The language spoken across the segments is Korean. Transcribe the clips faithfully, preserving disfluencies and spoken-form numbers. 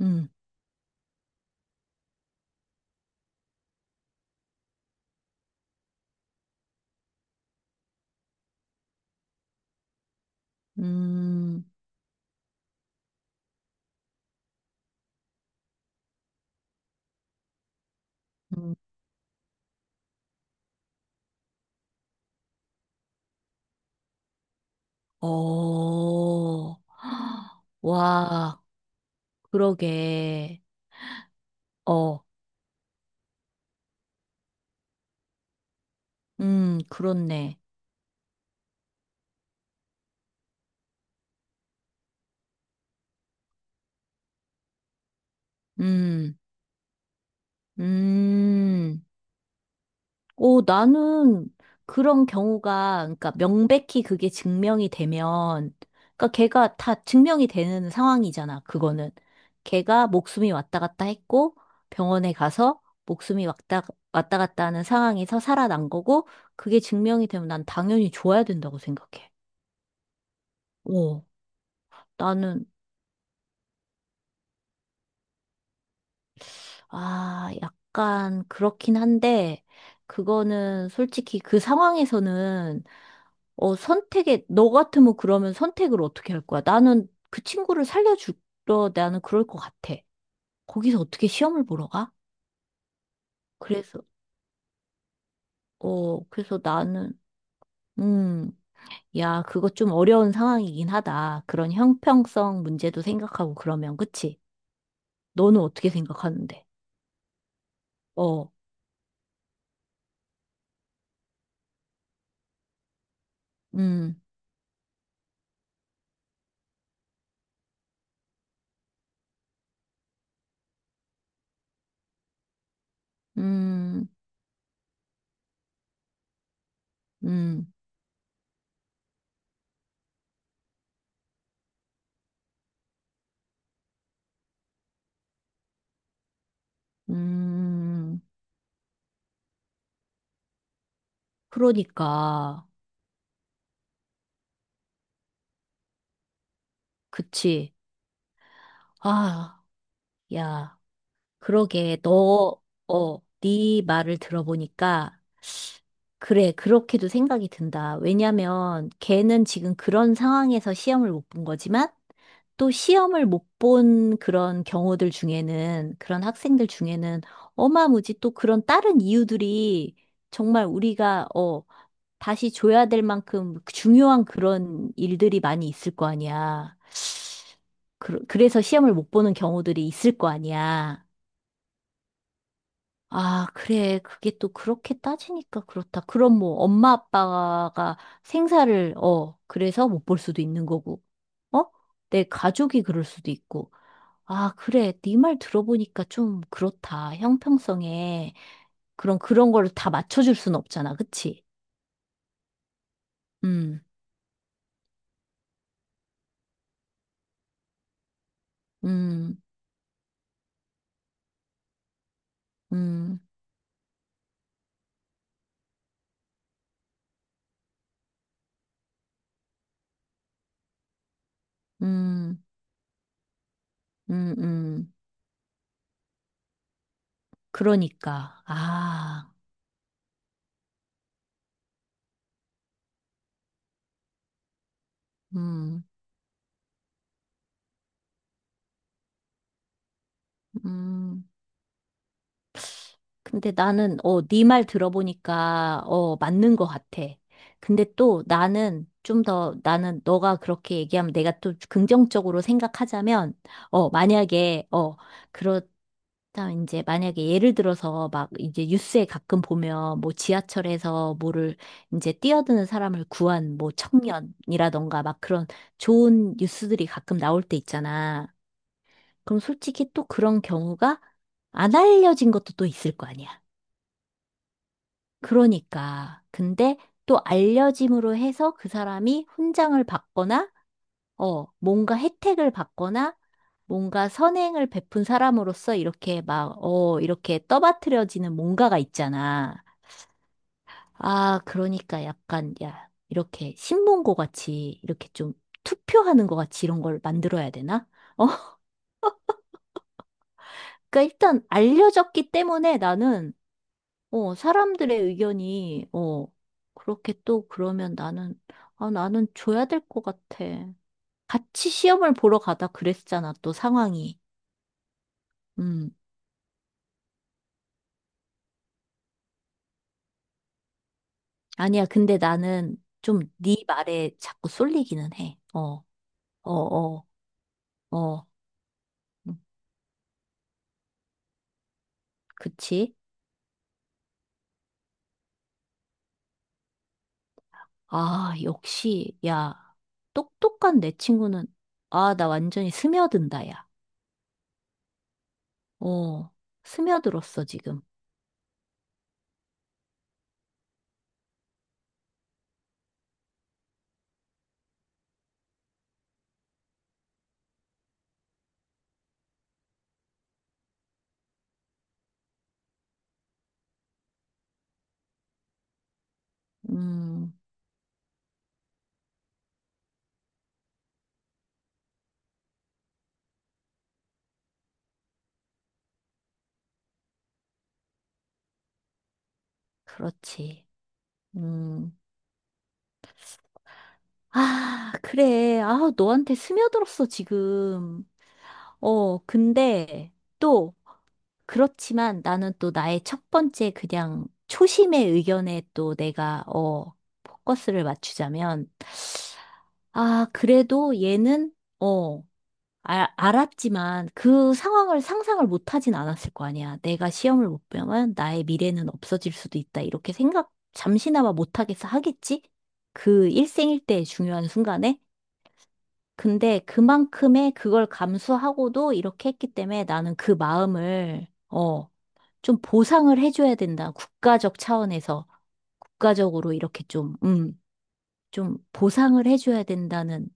음. 음. 음. 어. 와. 그러게. 어. 음, 그렇네. 음. 음. 오, 나는 그런 경우가, 그러니까 명백히 그게 증명이 되면, 그러니까 걔가 다 증명이 되는 상황이잖아, 그거는. 걔가 목숨이 왔다 갔다 했고, 병원에 가서 목숨이 왔다, 왔다 갔다 하는 상황에서 살아난 거고, 그게 증명이 되면 난 당연히 줘야 된다고 생각해. 오, 나는. 아, 약간 그렇긴 한데, 그거는 솔직히 그 상황에서는, 어, 선택에, 너 같으면 그러면 선택을 어떻게 할 거야? 나는 그 친구를 살려주러, 나는 그럴 것 같아. 거기서 어떻게 시험을 보러 가? 그래서, 어, 그래서 나는. 음, 야, 그거 좀 어려운 상황이긴 하다. 그런 형평성 문제도 생각하고 그러면, 그치? 너는 어떻게 생각하는데? 어. 음. 음. 음. 음. 그러니까, 그치? 아, 야. 그러게, 너, 어, 네 말을 들어보니까, 그래, 그렇게도 생각이 든다. 왜냐면, 걔는 지금 그런 상황에서 시험을 못 본 거지만, 또 시험을 못 본 그런 경우들 중에는, 그런 학생들 중에는, 어마무지 또 그런 다른 이유들이 정말 우리가, 어, 다시 줘야 될 만큼 중요한 그런 일들이 많이 있을 거 아니야. 그, 그래서 시험을 못 보는 경우들이 있을 거 아니야. 아, 그래. 그게 또 그렇게 따지니까 그렇다. 그럼 뭐 엄마 아빠가 생사를, 어, 그래서 못 볼 수도 있는 거고. 어? 내 가족이 그럴 수도 있고. 아, 그래. 네 말 들어보니까 좀 그렇다. 형평성에 그런 그런 거를 다 맞춰 줄 순 없잖아. 그치? 음. 음. 음. 음. 음. 음. 그러니까. 아. 음. 음. 근데 나는, 어, 네 말 들어보니까, 어, 맞는 것 같아. 근데 또 나는 좀 더, 나는 너가 그렇게 얘기하면 내가 또 긍정적으로 생각하자면, 어, 만약에, 어, 그렇, 다 이제 만약에 예를 들어서 막 이제 뉴스에 가끔 보면 뭐 지하철에서 뭐를 이제 뛰어드는 사람을 구한 뭐 청년이라던가 막 그런 좋은 뉴스들이 가끔 나올 때 있잖아. 그럼 솔직히 또 그런 경우가 안 알려진 것도 또 있을 거 아니야. 그러니까. 근데 또 알려짐으로 해서 그 사람이 훈장을 받거나, 어, 뭔가 혜택을 받거나, 뭔가 선행을 베푼 사람으로서 이렇게 막, 어, 이렇게 떠받들여지는 뭔가가 있잖아. 아, 그러니까 약간, 야, 이렇게 신문고 같이, 이렇게 좀 투표하는 거 같이 이런 걸 만들어야 되나? 어. 그러니까 일단 알려졌기 때문에 나는, 어, 사람들의 의견이, 어, 그렇게 또 그러면 나는, 아, 나는 줘야 될 것 같아. 같이 시험을 보러 가다 그랬잖아, 또 상황이. 음, 아니야, 근데 나는 좀 네 말에 자꾸 쏠리기는 해. 어. 어. 어. 어. 음, 그치? 아, 역시, 야, 똑똑한 내 친구는, 아, 나 완전히 스며든다, 야. 어, 스며들었어, 지금. 음, 그렇지. 음. 아, 그래. 아, 너한테 스며들었어, 지금. 어, 근데 또, 그렇지만 나는 또 나의 첫 번째 그냥 초심의 의견에 또 내가, 어, 포커스를 맞추자면, 아, 그래도 얘는, 어, 알 알았지만 그 상황을 상상을 못 하진 않았을 거 아니야. 내가 시험을 못 보면 나의 미래는 없어질 수도 있다. 이렇게 생각 잠시나마 못 하겠어, 하겠지? 그 일생일대의 중요한 순간에? 근데 그만큼의 그걸 감수하고도 이렇게 했기 때문에 나는 그 마음을, 어, 좀 보상을 해줘야 된다. 국가적 차원에서. 국가적으로 이렇게 좀, 음, 좀 보상을 해줘야 된다는,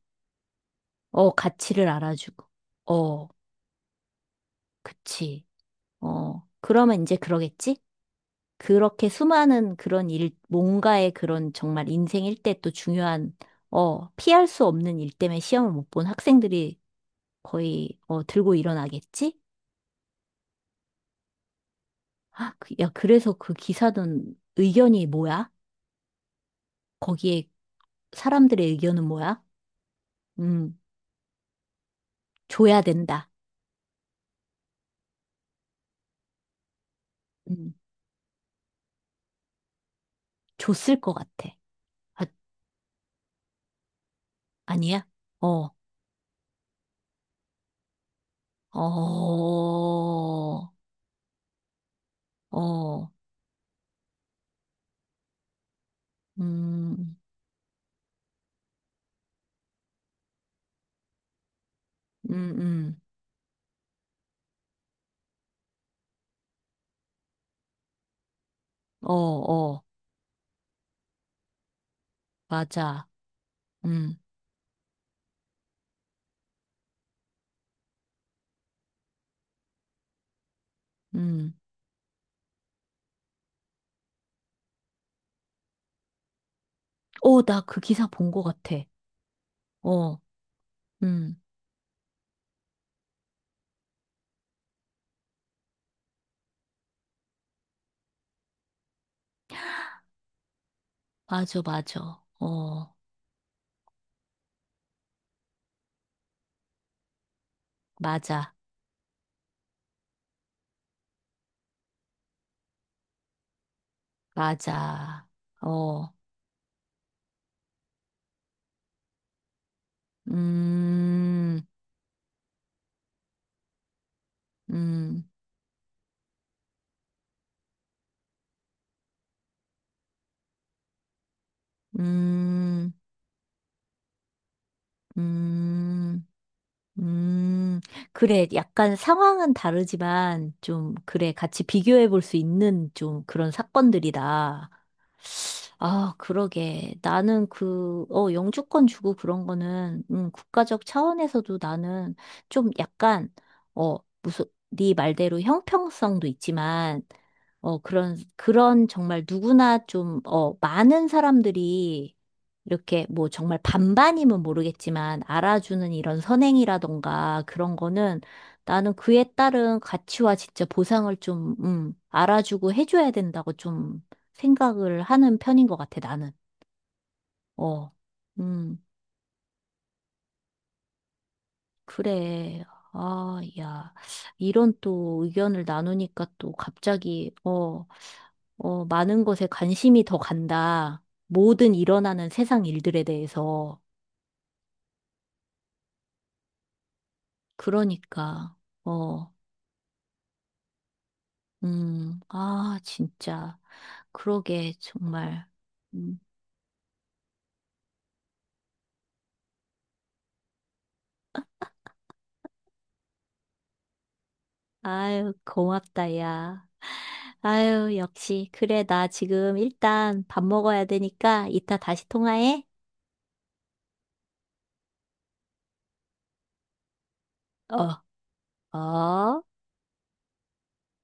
어, 가치를 알아주고. 어, 그치. 어, 그러면 이제 그러겠지? 그렇게 수많은 그런 일, 뭔가의 그런 정말 인생 일대 또 중요한, 어, 피할 수 없는 일 때문에 시험을 못 본 학생들이 거의, 어, 들고 일어나겠지? 아, 그- 야, 그래서 그 기사는 의견이 뭐야? 거기에 사람들의 의견은 뭐야? 음, 줘야 된다. 음, 줬을 것 같아. 아, 아니야? 어. 어. 어. 음. 음. 음. 어. 어, 맞아. 음. 음. 어, 나 그 기사 본 것 같아. 어. 음, 맞아, 맞아. 어, 맞아, 맞아. 어. 음. 음. 음. 음. 음. 그래, 약간 상황은 다르지만, 좀, 그래, 같이 비교해 볼 수 있는 좀 그런 사건들이다. 아, 그러게. 나는 그, 어, 영주권 주고 그런 거는, 음, 국가적 차원에서도 나는 좀 약간, 어, 무슨, 네 말대로 형평성도 있지만, 어, 그런, 그런 정말 누구나 좀, 어, 많은 사람들이 이렇게 뭐 정말 반반이면 모르겠지만 알아주는 이런 선행이라던가 그런 거는 나는 그에 따른 가치와 진짜 보상을 좀, 음, 알아주고 해줘야 된다고 좀 생각을 하는 편인 것 같아, 나는. 어. 음. 그래. 아, 야, 이런 또 의견을 나누니까 또 갑자기, 어, 어, 많은 것에 관심이 더 간다. 모든 일어나는 세상 일들에 대해서. 그러니까. 어. 음. 아, 진짜. 그러게, 정말. 음. 아유, 고맙다, 야. 아유, 역시. 그래, 나 지금 일단 밥 먹어야 되니까 이따 다시 통화해. 어. 어.